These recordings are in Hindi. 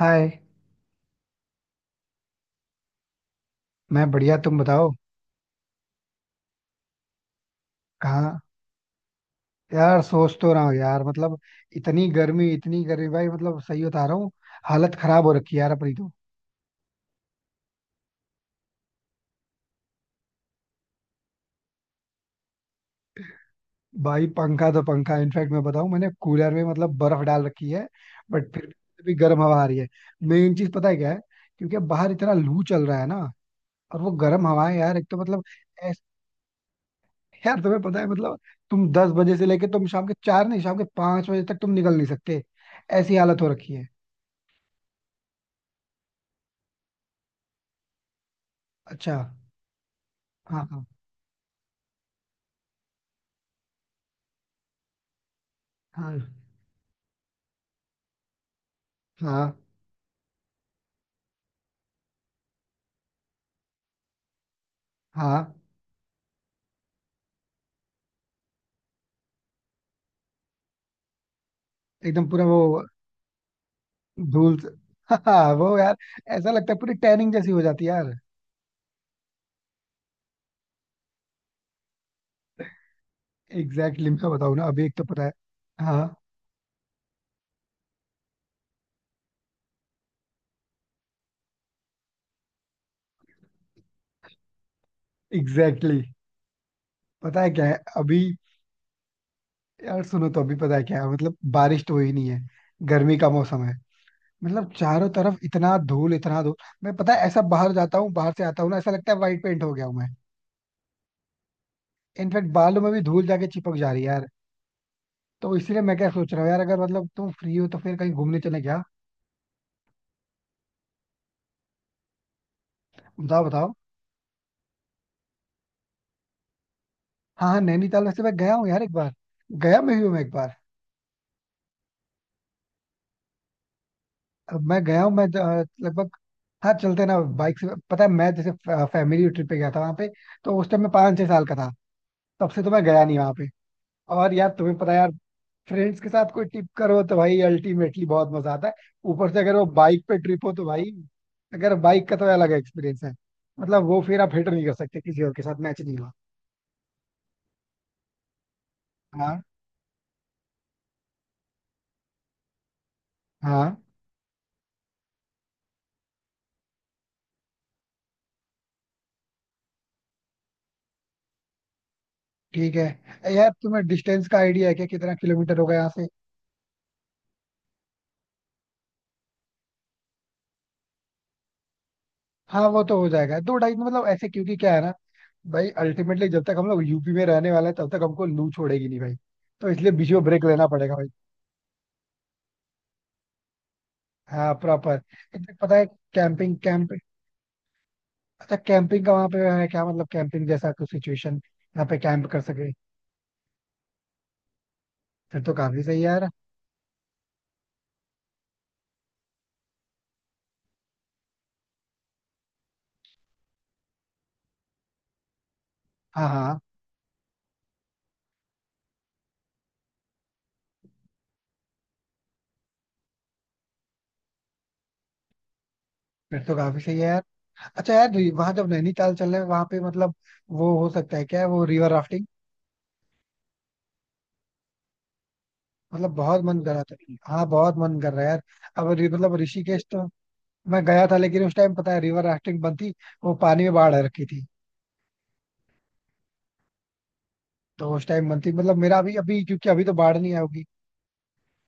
हाय। मैं बढ़िया, तुम बताओ। कहाँ? यार सोच तो रहा हूँ यार, मतलब इतनी गर्मी, इतनी गर्मी भाई, मतलब सही बता रहा हूँ। हालत खराब हो रखी है यार अपनी तो। भाई पंखा तो पंखा, इनफैक्ट मैं बताऊँ, मैंने कूलर में मतलब बर्फ डाल रखी है, बट फिर भी गर्म हवा आ रही है। मेन चीज पता है क्या है? क्योंकि अब बाहर इतना लू चल रहा है ना। और वो गर्म हवाएं यार, एक तो मतलब ऐस- यार तुम्हें पता है मतलब, तुम 10 बजे से लेके तुम शाम के 4 नहीं, शाम के 5 बजे तक तुम निकल नहीं सकते। ऐसी हालत हो रखी है। अच्छा। हाँ। हाँ। हाँ। हाँ। हाँ। एकदम पूरा वो। धूल से। हाँ, वो यार ऐसा लगता है पूरी टैनिंग जैसी हो जाती है यार। एग्जैक्टली exactly, मैं बताऊँ ना अभी, एक तो पता है। हाँ एग्जैक्टली exactly, पता है क्या है अभी। यार सुनो तो, अभी पता है क्या है, मतलब बारिश तो हुई नहीं है, गर्मी का मौसम है। मतलब चारों तरफ इतना धूल, इतना धूल। मैं पता है ऐसा बाहर जाता हूँ, बाहर से आता हूँ ना, ऐसा लगता है वाइट पेंट हो गया हूँ मैं। इनफैक्ट बालों में भी धूल जाके चिपक जा रही है यार। तो इसलिए मैं क्या सोच रहा हूँ यार, अगर मतलब तुम फ्री हो तो फिर कहीं घूमने चले क्या? बताओ बताओ। हाँ हाँ, नैनीताल वैसे मैं गया हूँ यार एक बार। गया मैं भी हूँ मैं, एक बार। अब मैं गया हूँ मैं, लगभग। हाँ चलते ना बाइक से, पता है मैं जैसे फैमिली ट्रिप पे गया था वहाँ पे, तो उस टाइम मैं 5-6 साल का था। तब से तो मैं गया नहीं वहाँ पे। और यार तुम्हें पता है यार, फ्रेंड्स के साथ कोई ट्रिप करो तो भाई अल्टीमेटली बहुत मजा आता है। ऊपर से अगर वो बाइक पे ट्रिप हो तो भाई, अगर बाइक का तो अलग एक्सपीरियंस है। मतलब वो फिर आप हिट नहीं कर सकते, किसी और के साथ मैच नहीं हुआ। हाँ हाँ। ठीक है। ए यार तुम्हें डिस्टेंस का आइडिया है क्या, कितना किलोमीटर होगा यहाँ से? हाँ, वो तो हो जाएगा दो ढाई में, मतलब ऐसे, क्योंकि क्या है ना, भाई अल्टीमेटली जब तक हम लोग यूपी में रहने वाले हैं, तब तक हमको लू छोड़ेगी नहीं भाई। तो इसलिए बीच में ब्रेक लेना पड़ेगा भाई। हाँ प्रॉपर। इनफैक्ट पता है, कैंपिंग कैंप। अच्छा कैंपिंग का वहाँ पे है क्या, मतलब कैंपिंग जैसा कुछ सिचुएशन, यहाँ पे कैंप कर सके? फिर तो काफी सही है यार। हाँ हाँ। फिर तो काफी सही है यार। अच्छा यार, वहाँ जब नैनीताल चल रहे हैं, वहाँ पे मतलब वो हो सकता है क्या वो, रिवर राफ्टिंग? मतलब बहुत मन कर रहा था। हाँ बहुत मन कर रहा है यार। अब मतलब ऋषिकेश तो मैं गया था, लेकिन उस टाइम पता है रिवर राफ्टिंग बंद थी। वो पानी में बाढ़ आ रखी थी, तो उस टाइम बंद थी। मतलब मेरा अभी अभी, क्योंकि अभी तो बाढ़ नहीं आई होगी।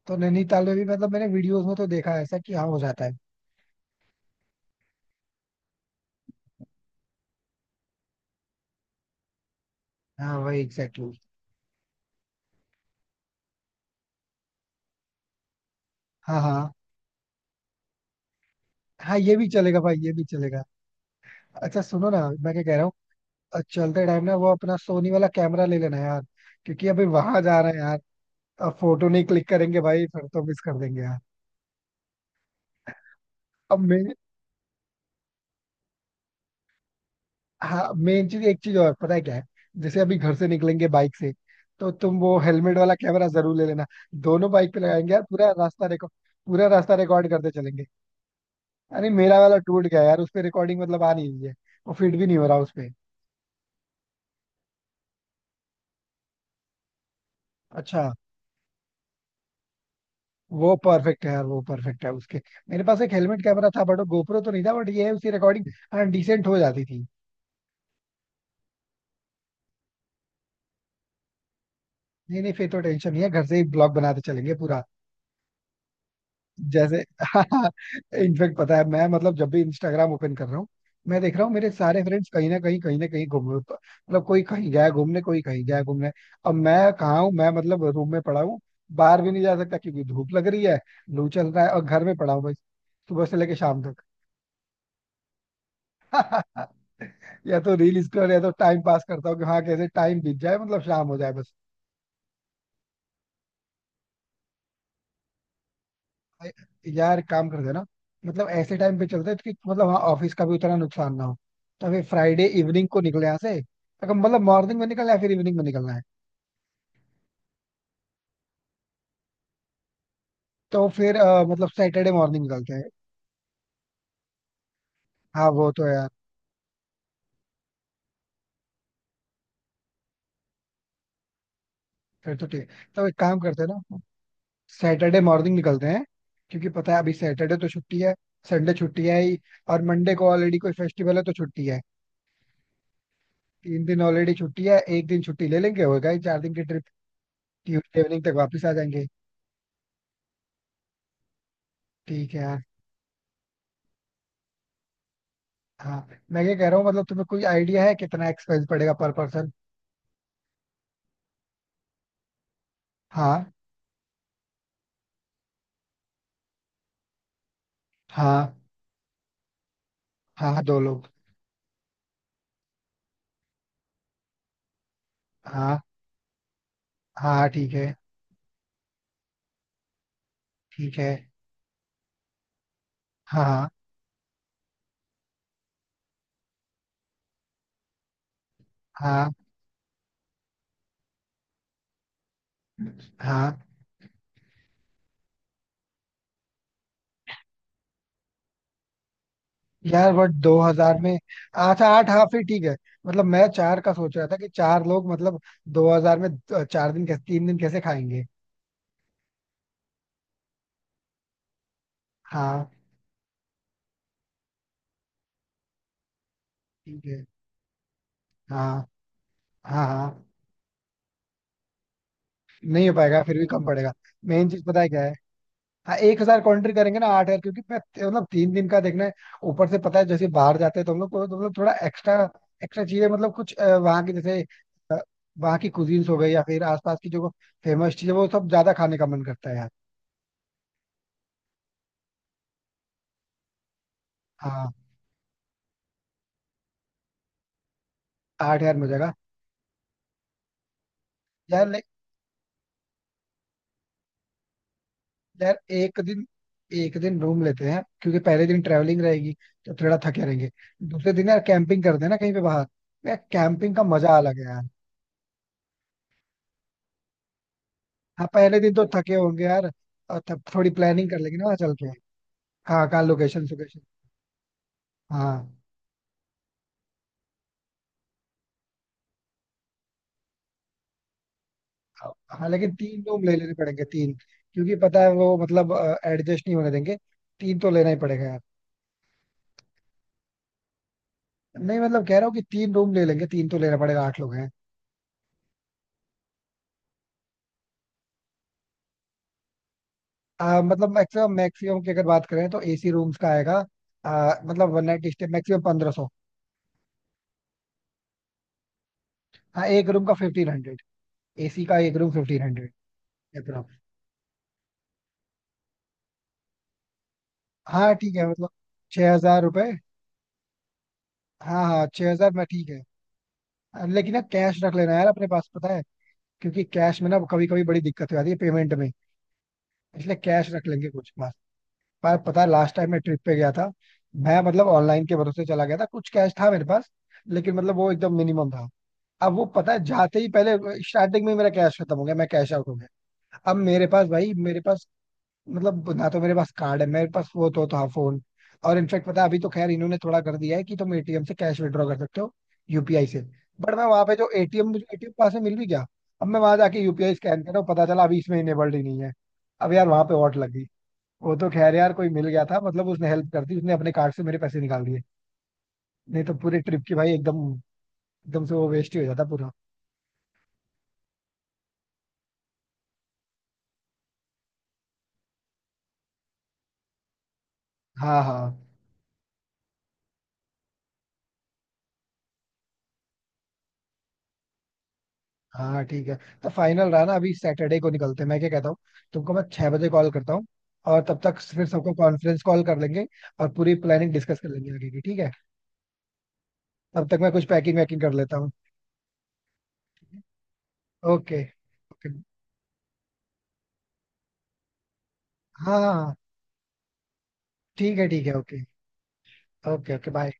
तो नैनीताल में भी मतलब मैंने वीडियोस में तो देखा है ऐसा कि हाँ हो जाता है। हाँ वही एग्जैक्टली exactly. हाँ हाँ। हाँ ये भी चलेगा भाई, ये भी चलेगा। अच्छा सुनो ना, मैं क्या कह रहा हूँ, चलते टाइम ना वो अपना सोनी वाला कैमरा ले लेना यार। क्योंकि अभी वहां जा रहे हैं यार, अब फोटो नहीं क्लिक करेंगे भाई, फिर तो मिस कर देंगे यार। अब मैं, हाँ मेन चीज एक चीज और पता है क्या है। जैसे अभी घर से निकलेंगे बाइक से, तो तुम वो हेलमेट वाला कैमरा जरूर ले लेना। दोनों बाइक पे लगाएंगे यार, पूरा रास्ता रिकॉर्ड, पूरा रास्ता रिकॉर्ड करते चलेंगे। अरे मेरा वाला टूट गया यार, उस पे रिकॉर्डिंग मतलब आ नहीं रही है। वो फिट भी नहीं हो रहा उस पे। अच्छा। वो परफेक्ट है यार, वो परफेक्ट है उसके। मेरे पास एक हेलमेट कैमरा था, बट वो गोप्रो तो नहीं था, बट ये है उसकी रिकॉर्डिंग, हाँ डिसेंट हो जाती थी। नहीं नहीं, फिर तो टेंशन नहीं है, घर से ही ब्लॉग बनाते चलेंगे पूरा। जैसे इनफेक्ट पता है मैं, मतलब जब भी इंस्टाग्राम ओपन कर रहा हूँ, मैं देख रहा हूँ मेरे सारे फ्रेंड्स कहीं ना कहीं, कहीं ना कहीं घूम, मतलब कोई कहीं गया है घूमने, कोई कहीं गया है घूमने। अब मैं कहाँ हूँ मैं, मतलब रूम में पड़ा हूँ। बाहर भी नहीं जा सकता क्योंकि धूप लग रही है, लू चल रहा है, और घर में पड़ा हूँ बस, सुबह से लेके शाम तक। या तो रील स्क्रॉल, या तो टाइम पास करता हूँ कि हाँ कैसे टाइम बीत जाए, मतलब शाम हो जाए बस। यार काम करते हैं ना, मतलब ऐसे टाइम पे चलते हैं कि मतलब हाँ ऑफिस का भी उतना नुकसान ना हो। तो फिर फ्राइडे इवनिंग को निकले यहाँ से। अगर मतलब मॉर्निंग में निकलना है, फिर इवनिंग में निकलना है। तो फिर मतलब सैटरडे मॉर्निंग निकलते हैं। हाँ वो तो है यार। फिर तो ठीक है। तो एक काम करते हैं ना, सैटरडे मॉर्निंग निकलते हैं। क्योंकि पता है अभी सैटरडे तो छुट्टी है, संडे छुट्टी है ही, और मंडे को ऑलरेडी कोई फेस्टिवल है तो छुट्टी है। 3 दिन ऑलरेडी छुट्टी है, एक दिन छुट्टी ले लेंगे, होगा ही 4 दिन की ट्रिप। ट्यूजडे इवनिंग तक वापस आ जाएंगे। ठीक है यार। हाँ मैं ये कह रहा हूँ, मतलब तुम्हें कोई आइडिया है कितना एक्सपेंस पड़ेगा पर पर्सन? हाँ हाँ। हाँ, 2 लोग। हाँ हाँ, ठीक है। ठीक है। हाँ हाँ हाँ। यार बट 2,000 में, अच्छा 8, हाँ फिर ठीक है। मतलब मैं 4 का सोच रहा था कि 4 लोग मतलब, 2,000 में 4 दिन कैसे, 3 दिन कैसे खाएंगे? हाँ ठीक है। हाँ हाँ। हाँ नहीं हो पाएगा, फिर भी कम पड़ेगा। मेन चीज पता है क्या है। हाँ 1,000 काउंटर करेंगे ना, 8,000, क्योंकि मतलब 3 दिन का देखना है। ऊपर से पता है जैसे बाहर जाते हैं तो हम लोग को तो मतलब थोड़ा एक्स्ट्रा, एक्स्ट्रा चीजें मतलब कुछ वहाँ की जैसे, अ, वहाँ की कुजीन्स हो गई, या फिर आसपास की जो फेमस चीजें, वो सब ज्यादा खाने का मन करता है यार। हाँ 8,000 में हो जाएगा। यार ले, यार एक दिन, एक दिन रूम लेते हैं, क्योंकि पहले दिन ट्रेवलिंग रहेगी, तो थोड़ा थके रहेंगे। दूसरे दिन यार कैंपिंग करते हैं ना कहीं पे बाहर। यार कैंपिंग का मजा अलग है यार। हाँ पहले दिन तो थके होंगे यार, और तब थोड़ी प्लानिंग कर लेंगे ना वहाँ चल के। हाँ कहाँ, लोकेशन लोकेशन। हाँ हाँ लेकिन 3 रूम ले लेने पड़ेंगे, तीन। क्योंकि पता है वो मतलब एडजस्ट नहीं होने देंगे, तीन तो लेना ही पड़ेगा यार। नहीं मतलब कह रहा हूँ कि 3 रूम ले लेंगे, तीन तो लेना पड़ेगा, 8 लोग हैं। मतलब मैक्सिमम, मैक्सिमम की अगर बात करें तो एसी रूम्स का आएगा, मतलब वन नाइट स्टे मैक्सिमम 1,500। हाँ एक रूम का 1500, एसी का एक रूम 1500, अप्रोक्स। हाँ ठीक है मतलब, 6,000 रुपये। हाँ हाँ, 6,000 में ठीक है। लेकिन ना कैश रख लेना यार अपने पास, पता है, क्योंकि कैश में ना कभी कभी बड़ी दिक्कत हो जाती है पेमेंट में। इसलिए कैश रख लेंगे कुछ पास। पर पता है लास्ट टाइम मैं ट्रिप पे गया था, मैं मतलब ऑनलाइन के भरोसे चला गया था, कुछ कैश था मेरे पास, लेकिन मतलब वो एकदम मिनिमम था। अब वो पता है जाते ही पहले, स्टार्टिंग में मेरा कैश खत्म हो गया, मैं कैश आउट हो गया। अब मेरे पास भाई, मेरे पास मतलब ना तो मेरे पास कार्ड है, मेरे पास वो तो था फोन। और इनफेक्ट पता है, अभी तो खैर इन्होंने थोड़ा कर दिया है कि तुम एटीएम से कैश विड्रॉ कर सकते हो, यूपीआई से। बट मैं वहां पे जो एटीएम, मुझे एटीएम पास में मिल भी गया। अब मैं वहां जाके यूपीआई स्कैन कर रहा हूँ, पता चला अभी इसमें इनेबल्ड ही नहीं है। अब यार वहां पे वॉट लग गई। वो तो खैर यार कोई मिल गया था, मतलब उसने हेल्प कर दी, उसने अपने कार्ड से मेरे पैसे निकाल दिए। नहीं तो पूरे ट्रिप की भाई एकदम, एकदम से वो वेस्ट ही हो जाता पूरा। हाँ हाँ हाँ ठीक है। तो फाइनल रहा ना, अभी सैटरडे को निकलते हैं। मैं क्या कहता हूँ, तुमको मैं 6 बजे कॉल करता हूँ, और तब तक फिर सबको कॉन्फ्रेंस कॉल कर लेंगे, और पूरी प्लानिंग डिस्कस कर लेंगे आगे की, ठीक है? तब तक मैं कुछ पैकिंग वैकिंग कर लेता हूँ। ओके। ओके। हाँ हाँ, हाँ। ठीक है ओके। Okay okay bye.